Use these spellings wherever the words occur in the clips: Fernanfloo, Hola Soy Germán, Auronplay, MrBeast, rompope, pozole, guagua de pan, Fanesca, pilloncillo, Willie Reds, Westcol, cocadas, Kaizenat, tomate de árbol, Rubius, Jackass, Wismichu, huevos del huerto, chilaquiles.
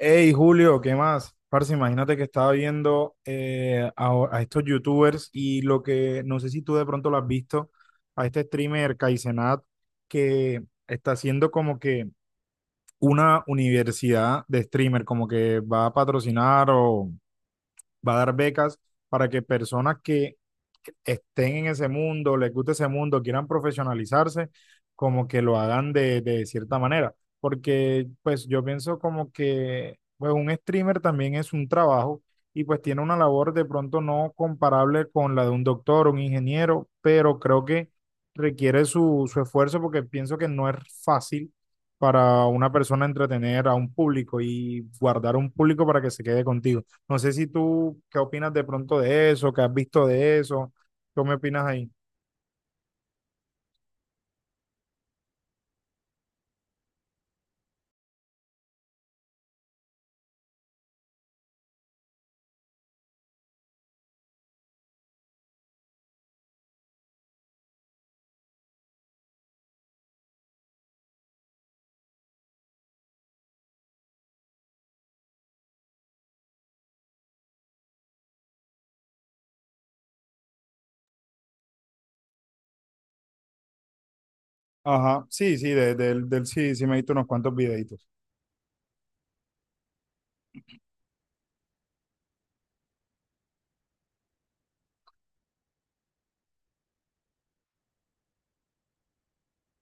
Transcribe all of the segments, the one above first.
Hey Julio, ¿qué más? Parce, imagínate que estaba viendo a estos youtubers y lo que, no sé si tú de pronto lo has visto, a este streamer Kaizenat que está haciendo como que una universidad de streamer, como que va a patrocinar o va a dar becas para que personas que estén en ese mundo, les guste ese mundo, quieran profesionalizarse, como que lo hagan de cierta manera. Porque pues yo pienso como que pues un streamer también es un trabajo y pues tiene una labor de pronto no comparable con la de un doctor, un ingeniero, pero creo que requiere su esfuerzo porque pienso que no es fácil para una persona entretener a un público y guardar un público para que se quede contigo. No sé si tú, ¿qué opinas de pronto de eso? ¿Qué has visto de eso? ¿Qué me opinas ahí? Ajá, sí, sí, del sí, sí me he visto unos cuantos videitos.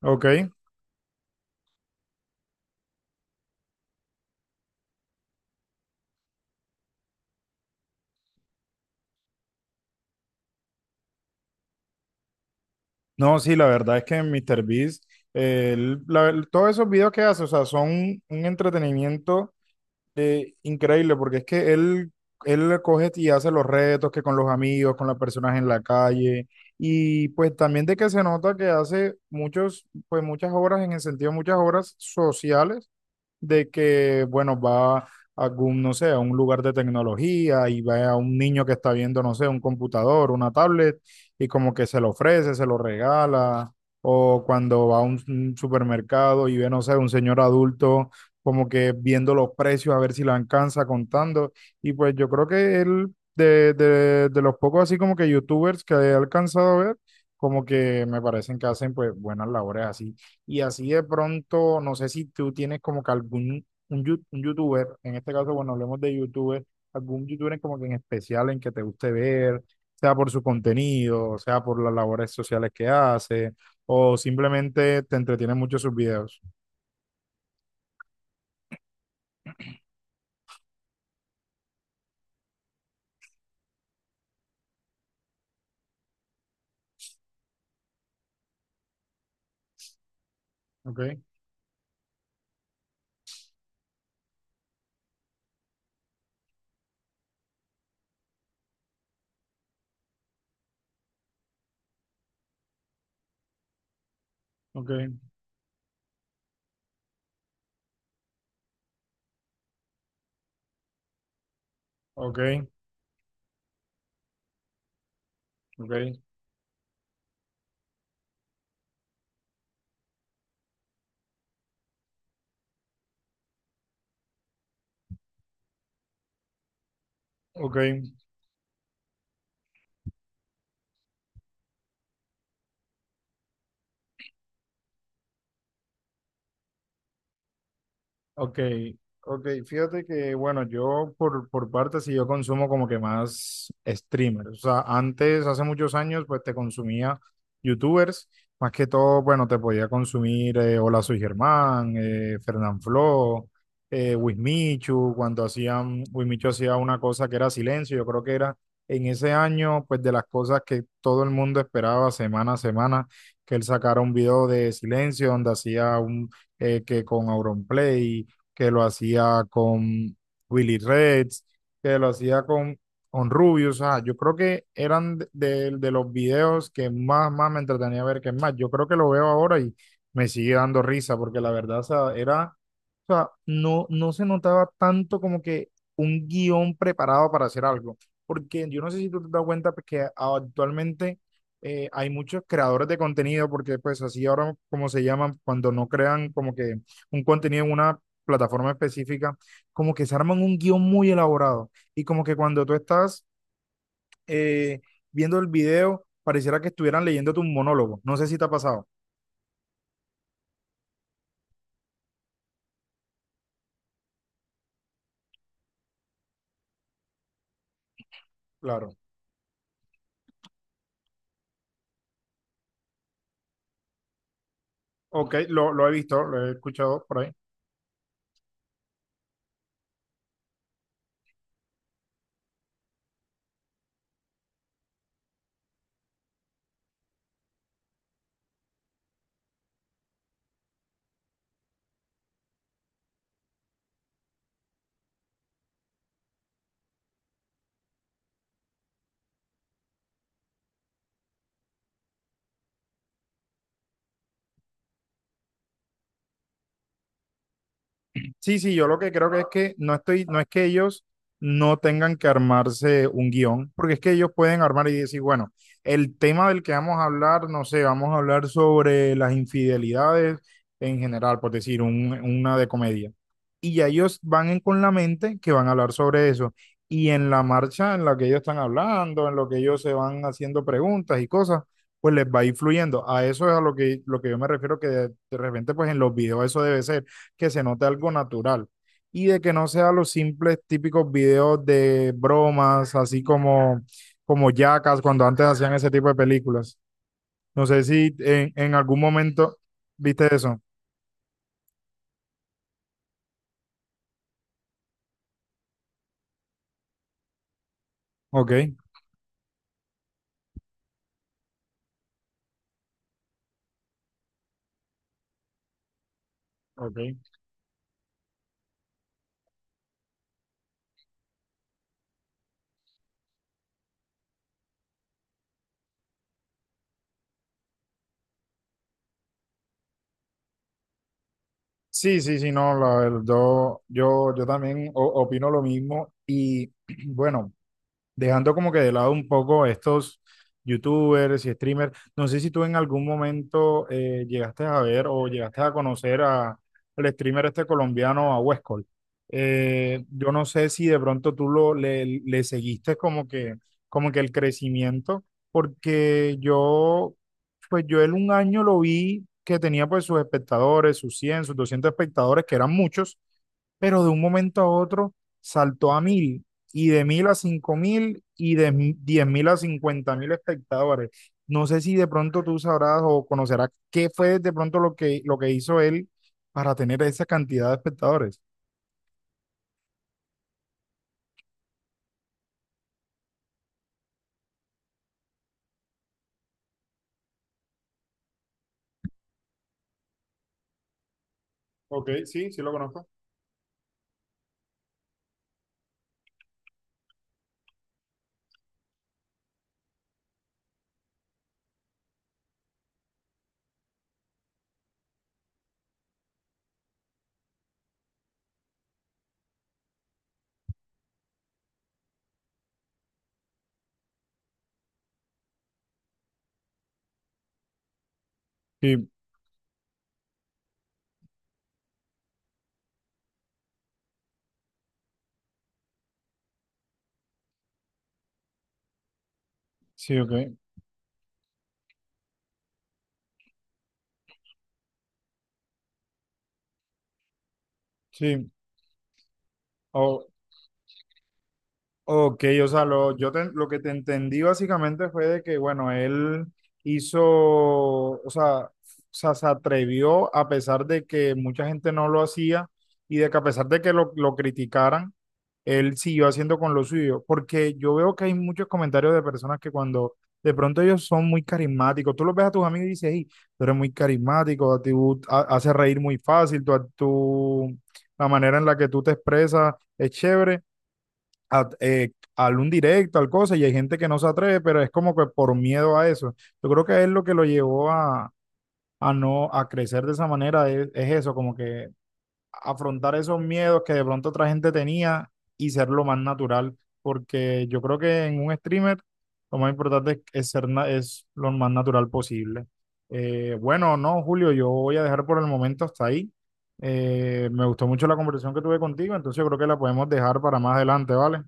Ok. No, sí, la verdad es que MrBeast, todos esos videos que hace, o sea, son un entretenimiento increíble, porque es que él coge y hace los retos que con los amigos, con las personas en la calle, y pues también de que se nota que hace muchos, pues muchas obras, en el sentido de muchas obras sociales, de que, bueno, va a algún, no sé, a un lugar de tecnología y va a un niño que está viendo, no sé, un computador, una tablet, y como que se lo ofrece, se lo regala, o cuando va a un supermercado y ve, no sé, un señor adulto como que viendo los precios a ver si le alcanza contando, y pues yo creo que él, de los pocos así como que youtubers que he alcanzado a ver, como que me parecen que hacen pues buenas labores así y así de pronto, no sé si tú tienes como que algún un, un youtuber, en este caso, bueno, hablemos de youtuber, algún youtuber como que en especial en que te guste ver, sea por su contenido, sea por las labores sociales que hace, o simplemente te entretiene mucho sus videos. Ok, ok, ok, ok, ok. Ok, ok, fíjate que bueno, yo por parte sí yo consumo como que más streamers, o sea, antes, hace muchos años, pues te consumía youtubers, más que todo, bueno, te podía consumir Hola Soy Germán, Fernanfloo, Wismichu, cuando hacían, Wismichu hacía una cosa que era silencio, yo creo que era en ese año, pues de las cosas que todo el mundo esperaba semana a semana, que él sacara un video de silencio donde hacía un, que con Auronplay que lo hacía con Willie Reds, que lo hacía con Rubius. O sea, yo creo que eran de los videos que más me entretenía ver que es más. Yo creo que lo veo ahora y me sigue dando risa porque la verdad, o sea, era, o sea, no se notaba tanto como que un guión preparado para hacer algo. Porque yo no sé si tú te das cuenta pues, que actualmente hay muchos creadores de contenido, porque pues así ahora como se llaman, cuando no crean como que un contenido en una plataforma específica, como que se arman un guión muy elaborado y como que cuando tú estás eh, viendo el video, pareciera que estuvieran leyendo tu monólogo. No sé si te ha pasado. Claro. Ok, lo he visto, lo he escuchado por ahí. Sí, sí, yo lo que creo que es que no estoy, no es que ellos no tengan que armarse un guión, porque es que ellos pueden armar y decir, bueno, el tema del que vamos a hablar, no sé, vamos a hablar sobre las infidelidades en general, por decir, una de comedia. Y ya ellos van con la mente que van a hablar sobre eso. Y en la marcha en la que ellos están hablando, en lo que ellos se van haciendo preguntas y cosas, pues les va influyendo. A eso es a lo que yo me refiero, que de repente, pues en los videos eso debe ser que se note algo natural y de que no sean los simples típicos videos de bromas, así como, como Jackass, cuando antes hacían ese tipo de películas. No sé si en algún momento viste eso. Ok, ok. Sí, sí, sí, no, la verdad, yo también opino lo mismo y bueno. Dejando como que de lado un poco a estos youtubers y streamers. No sé si tú en algún momento llegaste a ver o llegaste a conocer a, al streamer este colombiano, a Westcol. Yo no sé si de pronto tú lo, le seguiste como que el crecimiento, porque yo, pues yo él un año lo vi que tenía pues sus espectadores, sus 100 sus 200 espectadores, que eran muchos, pero de un momento a otro saltó a 1.000 y de 1.000 a 5.000 y de 10.000 a 50.000 espectadores. No sé si de pronto tú sabrás o conocerás qué fue de pronto lo que, hizo él para tener esa cantidad de espectadores. Ok, sí, sí lo conozco. Sí, sí, ok. Sí. Ok, o sea, lo, lo que te entendí básicamente fue de que, bueno, él hizo, o sea, se atrevió a pesar de que mucha gente no lo hacía y de que a pesar de que lo criticaran, él siguió haciendo con lo suyo. Porque yo veo que hay muchos comentarios de personas que cuando de pronto ellos son muy carismáticos, tú los ves a tus amigos y dices, hey, tú eres muy carismático, a ti haces reír muy fácil, la manera en la que tú te expresas es chévere a, al un directo, al cosa, y hay gente que no se atreve, pero es como que por miedo a eso. Yo creo que es lo que lo llevó a, no a crecer de esa manera, es eso, como que afrontar esos miedos que de pronto otra gente tenía y ser lo más natural, porque yo creo que en un streamer lo más importante es ser es lo más natural posible. Bueno, no, Julio, yo voy a dejar por el momento hasta ahí. Me gustó mucho la conversación que tuve contigo, entonces yo creo que la podemos dejar para más adelante, ¿vale?